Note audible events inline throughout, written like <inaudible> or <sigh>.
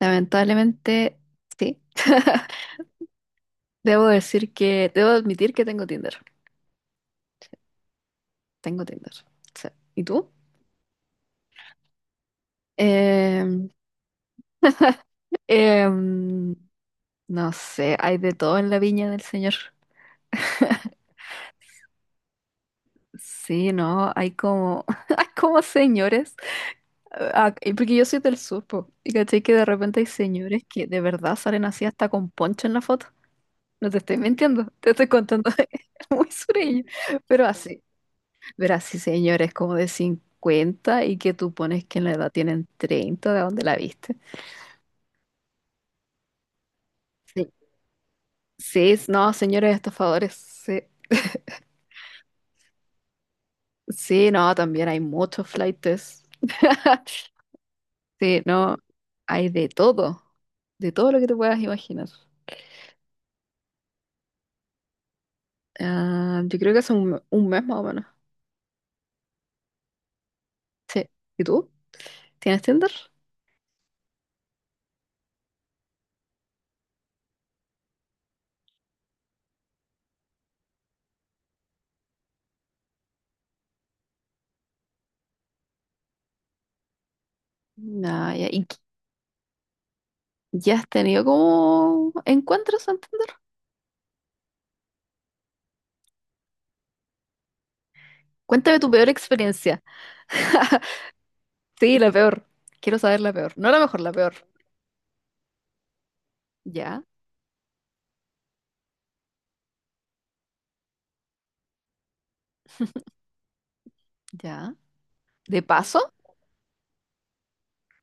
Lamentablemente, sí. Debo decir que, debo admitir que tengo Tinder. Tengo Tinder. Sí. ¿Y tú? Em, em, no sé, hay de todo en la viña del señor. <laughs> Sí, no, hay como, <laughs> hay como señores. Y porque yo soy del sur, po, y caché que de repente hay señores que de verdad salen así hasta con poncho en la foto. No te estoy mintiendo, te estoy contando, <laughs> es muy sureño, pero así. Verás, sí, señores, como de 50 y que tú pones que en la edad tienen 30, ¿de dónde la viste? Sí, sí, no, señores estafadores, sí, sí, no, también hay muchos flaites. <laughs> Sí, no, hay de todo lo que te puedas imaginar. Ah, yo creo que hace un mes más o menos. Sí. ¿Y tú? ¿Tienes Tinder? No, ya, ¿y qué- ya has tenido como encuentros en Tinder? Cuéntame tu peor experiencia. Sí, la peor. Quiero saber la peor. No la mejor, la peor. Ya, ya. ¿De paso?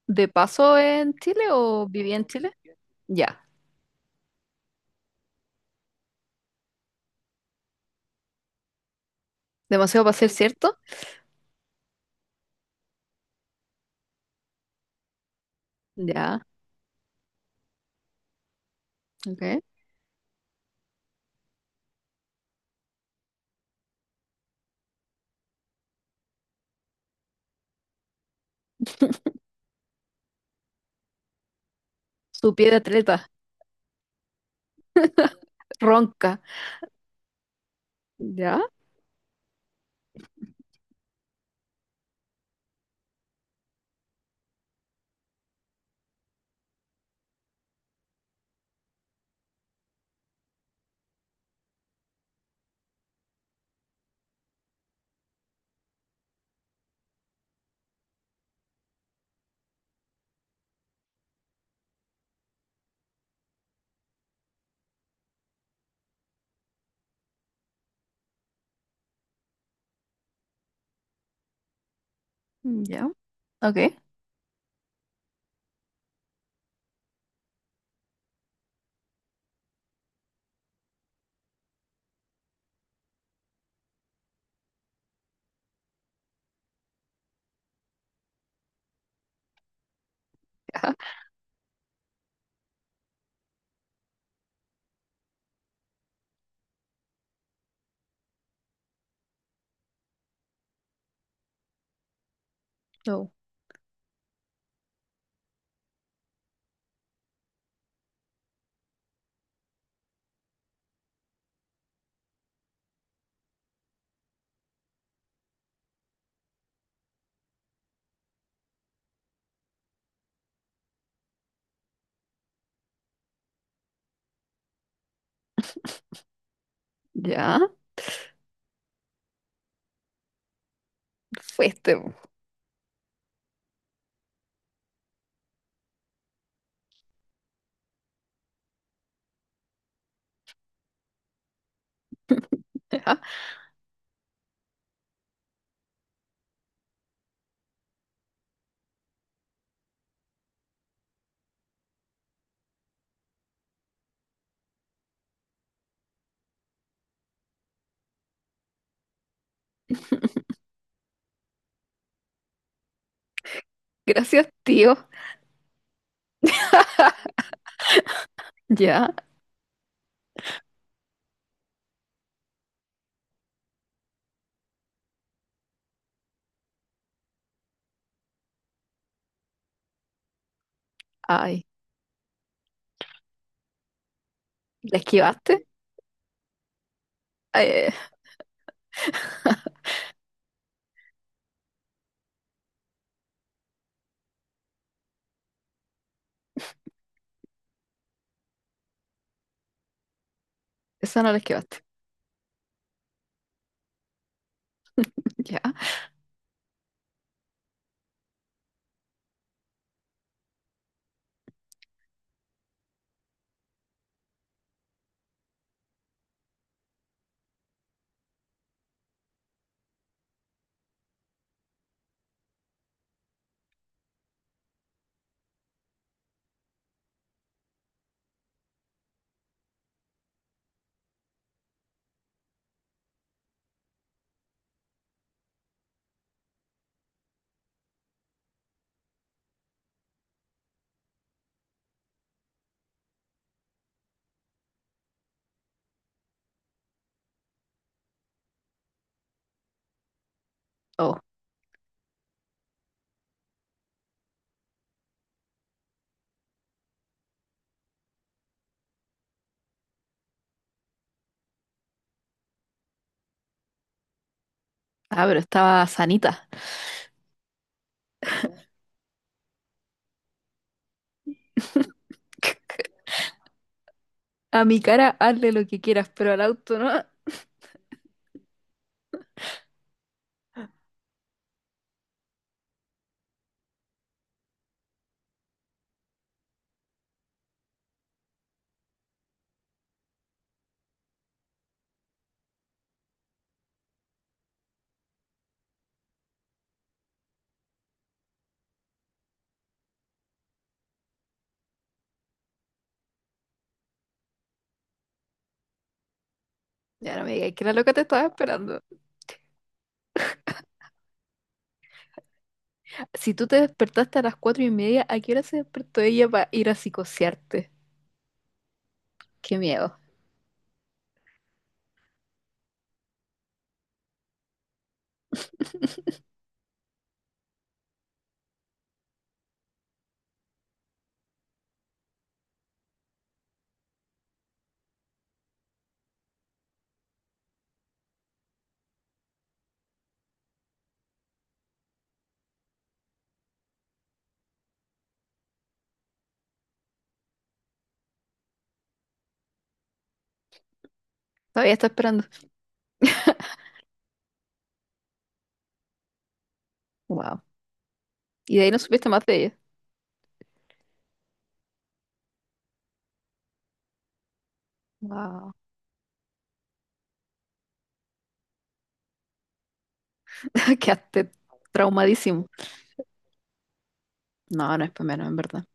¿De paso en Chile o vivía en Chile? Ya. Demasiado para ser cierto. Ya, ok. Su pie de atleta, ronca. Ya, ya. Ok. Ya. No, ya. Fuiste, po. Ya. Gracias, tío. Ya. Ay. ¿La esquivaste? Eh, esa no la esquivaste. Ya. Oh. Ah, pero estaba sanita. <laughs> A mi cara, hazle lo que quieras, pero al auto no. Ya no me digas que la loca te estaba esperando. Si tú te despertaste a las 4:30, ¿a qué hora se despertó ella para ir a psicosearte? Qué miedo. Todavía está esperando. Wow. Y de ahí no supiste más de ella. Wow. <laughs> Quedaste traumadísimo. No, no es para menos, en verdad.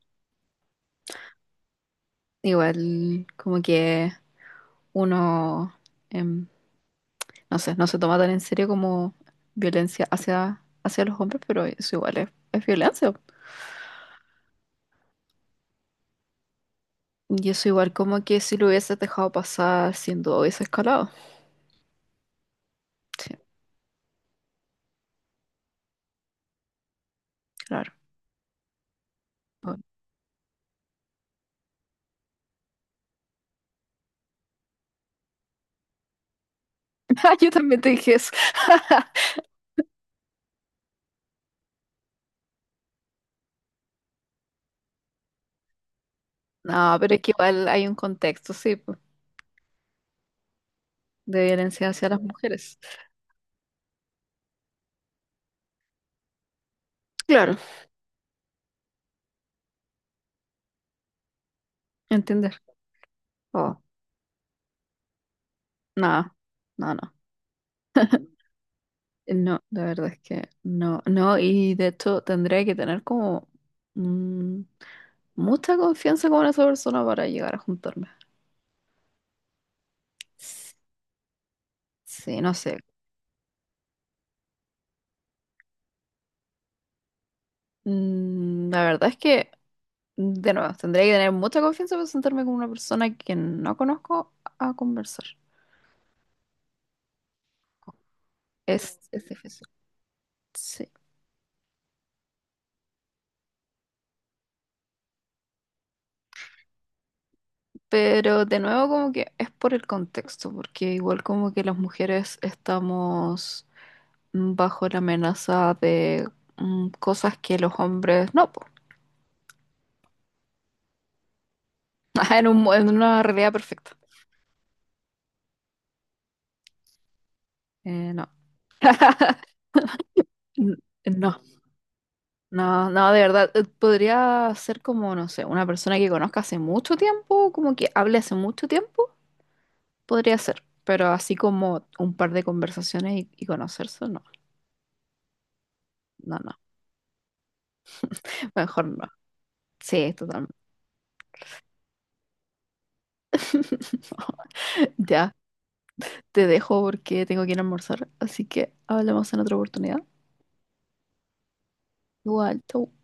Igual, como que uno, em, no sé, no se toma tan en serio como violencia hacia, hacia los hombres, pero eso igual es violencia. Y eso igual como que si lo hubieses dejado pasar, sin duda hubiese escalado. Sí, claro. Obvio. <laughs> Yo también te dije eso. <laughs> No, pero es que igual hay un contexto, sí, po, de violencia hacia las mujeres. Claro. Entender. Oh, no, no, no. No, la verdad es que no, no, y de hecho tendría que tener como mm, mucha confianza con esa persona para llegar a juntarme. S- Sí, no sé. Mm, la verdad es que, de nuevo, tendría que tener mucha confianza para sentarme con una persona que no conozco a conversar. Es difícil. Sí. Pero de nuevo como que es por el contexto, porque igual como que las mujeres estamos mm, bajo la amenaza de mm, cosas que los hombres no, po. <laughs> En un en una realidad perfecta. No. <laughs> N- No, no, no, de verdad. Podría ser como, no sé, una persona que conozca hace mucho tiempo, como que hable hace mucho tiempo, podría ser. Pero así como un par de conversaciones y conocerse, no, no, no. Mejor no. Sí, totalmente. <laughs> <laughs> Ya, te dejo porque tengo que ir a almorzar, así que hablamos en otra oportunidad. Igual, chau.